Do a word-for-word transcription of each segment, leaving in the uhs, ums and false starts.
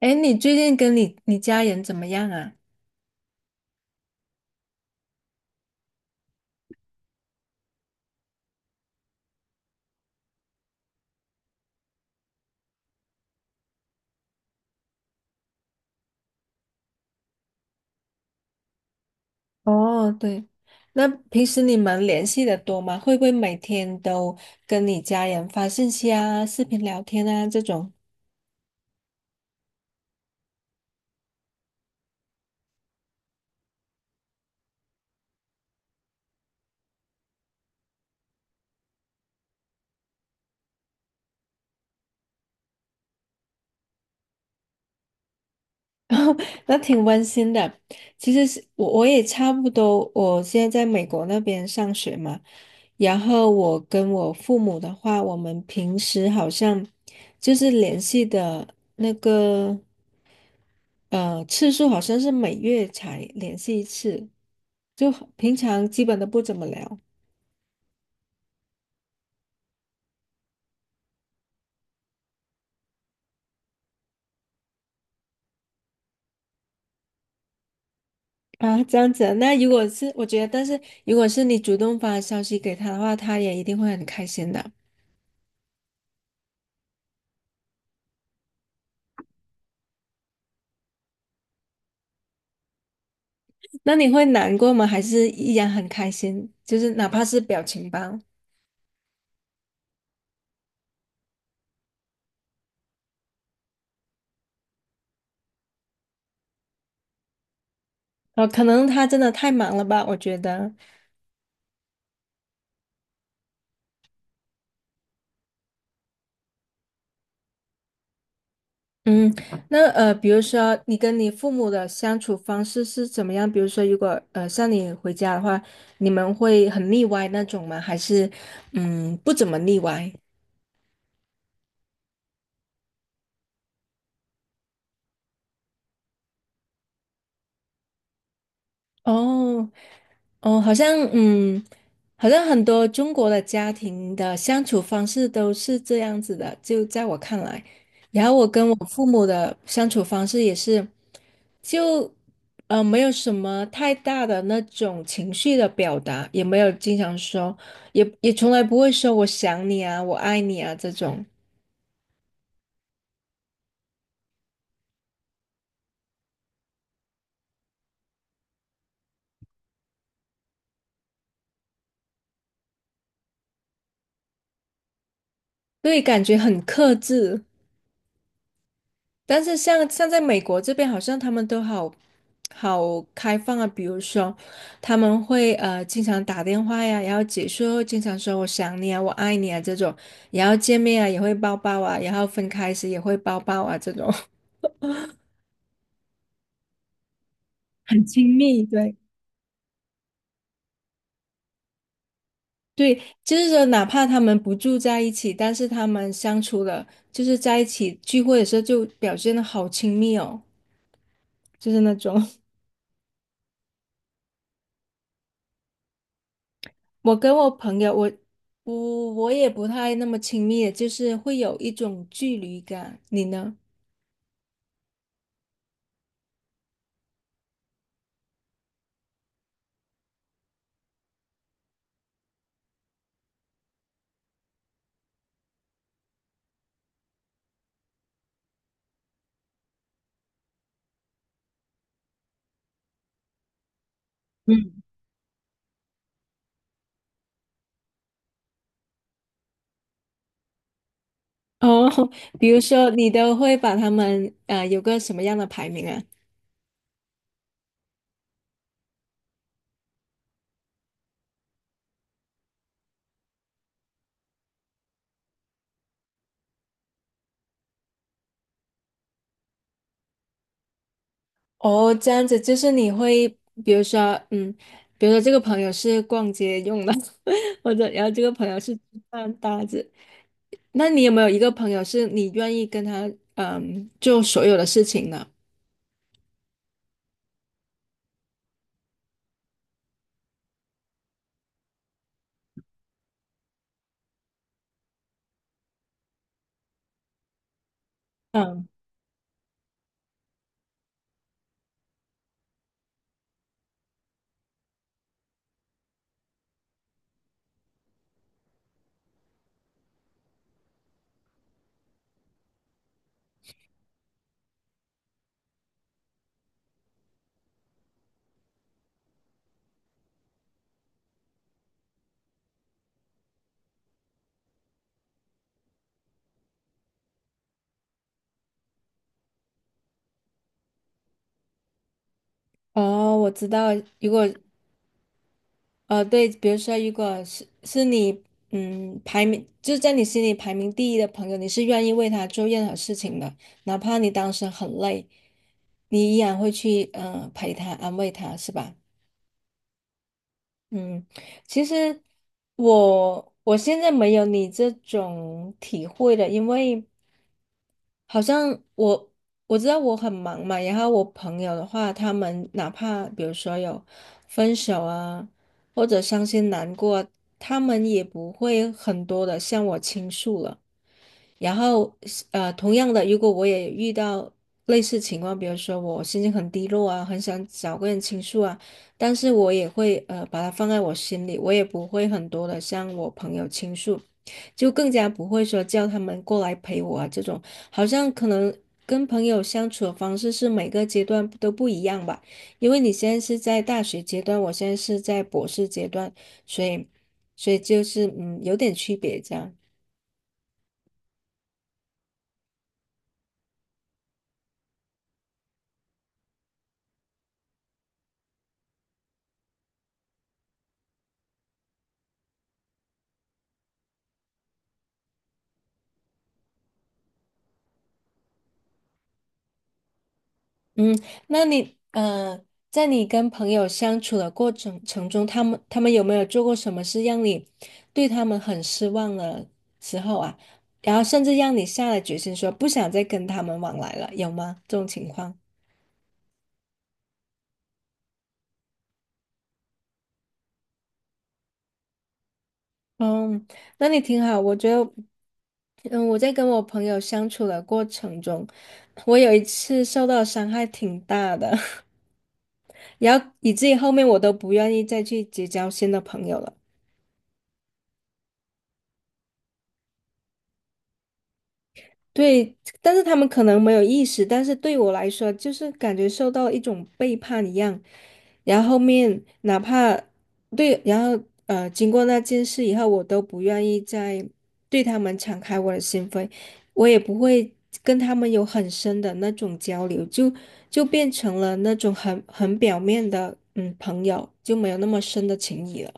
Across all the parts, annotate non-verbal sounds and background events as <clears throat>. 哎，你最近跟你你家人怎么样啊？哦，对，那平时你们联系的多吗？会不会每天都跟你家人发信息啊、视频聊天啊这种？<laughs> 那挺温馨的。其实是我我也差不多，我现在在美国那边上学嘛，然后我跟我父母的话，我们平时好像就是联系的那个。呃，次数好像是每月才联系一次，就平常基本都不怎么聊啊，这样子啊那如果是我觉得，但是如果是你主动发消息给他的话，他也一定会很开心的。那你会难过吗？还是依然很开心？就是哪怕是表情包，呃，可能他真的太忙了吧，我觉得。嗯，那呃，比如说你跟你父母的相处方式是怎么样？比如说，如果呃像你回家的话，你们会很腻歪那种吗？还是嗯不怎么腻歪？哦，哦，好像嗯，好像很多中国的家庭的相处方式都是这样子的，就在我看来，然后我跟我父母的相处方式也是，就呃没有什么太大的那种情绪的表达，也没有经常说，也也从来不会说我想你啊，我爱你啊这种，对，感觉很克制。但是像像在美国这边，好像他们都好好开放啊。比如说，他们会呃经常打电话呀，然后结束后经常说"我想你啊，我爱你啊"这种，然后见面啊也会抱抱啊，然后分开时也会抱抱啊，这种 <laughs> 很亲密。对对，就是说哪怕他们不住在一起，但是他们相处了，就是在一起聚会的时候就表现的好亲密哦，就是那种。我跟我朋友，我不，我也不太那么亲密的，就是会有一种距离感。你呢？嗯，哦，<laughs> 比如说你都会把他们呃有个什么样的排名啊？哦，这样子就是你会，比如说，嗯，比如说这个朋友是逛街用的，<laughs> 或者然后这个朋友是吃饭搭子。那你有没有一个朋友是你愿意跟他嗯做所有的事情的？嗯，哦，我知道，如果呃，对，比如说，如果是是你，嗯，排名就是在你心里排名第一的朋友，你是愿意为他做任何事情的，哪怕你当时很累，你依然会去，嗯，陪他，安慰他，是吧？嗯，其实我我现在没有你这种体会了，因为。好像我我知道我很忙嘛，然后我朋友的话，他们哪怕比如说有分手啊，或者伤心难过，他们也不会很多的向我倾诉了。然后呃，同样的，如果我也遇到类似情况，比如说我心情很低落啊，很想找个人倾诉啊，但是我也会呃把它放在我心里，我也不会很多的向我朋友倾诉，就更加不会说叫他们过来陪我啊这种，好像可能。跟朋友相处的方式是每个阶段都不一样吧，因为你现在是在大学阶段，我现在是在博士阶段，所以，所以就是嗯有点区别这样。嗯，那你呃，在你跟朋友相处的过程程中，他们他们有没有做过什么事让你对他们很失望的时候啊？然后甚至让你下了决心说不想再跟他们往来了，有吗？这种情况？嗯，那你挺好，我觉得，嗯，我在跟我朋友相处的过程中，我有一次受到伤害挺大的，<laughs> 然后以至于后面我都不愿意再去结交新的朋友了。对，但是他们可能没有意识，但是对我来说，就是感觉受到了一种背叛一样。然后后面哪怕对，然后呃，经过那件事以后，我都不愿意再对他们敞开我的心扉，我也不会跟他们有很深的那种交流，就就变成了那种很很表面的嗯朋友，就没有那么深的情谊了。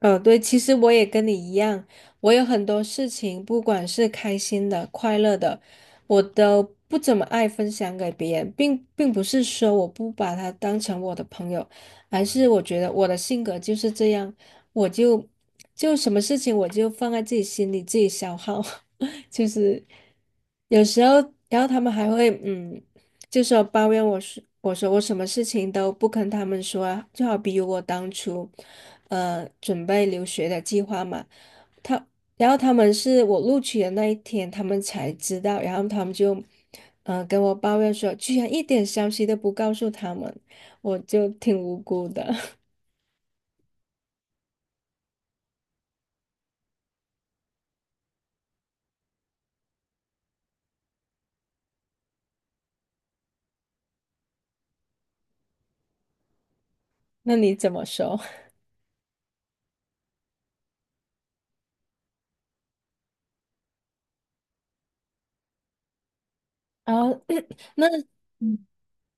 嗯，对，其实我也跟你一样，我有很多事情，不管是开心的、快乐的，我都不怎么爱分享给别人，并并不是说我不把他当成我的朋友，而是我觉得我的性格就是这样，我就就什么事情我就放在自己心里，自己消耗，<laughs> 就是有时候，然后他们还会嗯就说抱怨我说，我说我什么事情都不跟他们说啊，就好比如我当初，呃，准备留学的计划嘛，他，然后他们是我录取的那一天，他们才知道，然后他们就，呃，跟我抱怨说，居然一点消息都不告诉他们，我就挺无辜的。<laughs> 那你怎么说？然后，<coughs> <clears throat> 那。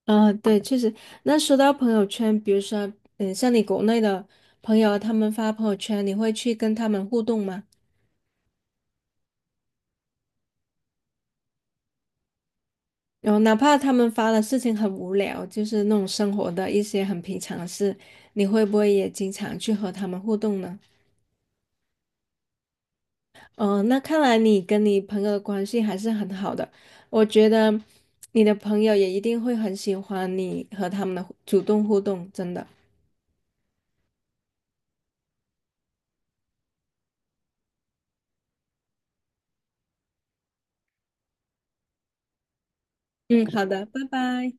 啊，对，确实。那说到朋友圈，比如说，嗯，像你国内的朋友啊，他们发朋友圈，你会去跟他们互动吗？然后，哪怕他们发的事情很无聊，就是那种生活的一些很平常的事，你会不会也经常去和他们互动呢？嗯、那看来你跟你朋友的关系还是很好的。我觉得你的朋友也一定会很喜欢你和他们的互主动互动，真的。嗯，好的，拜拜。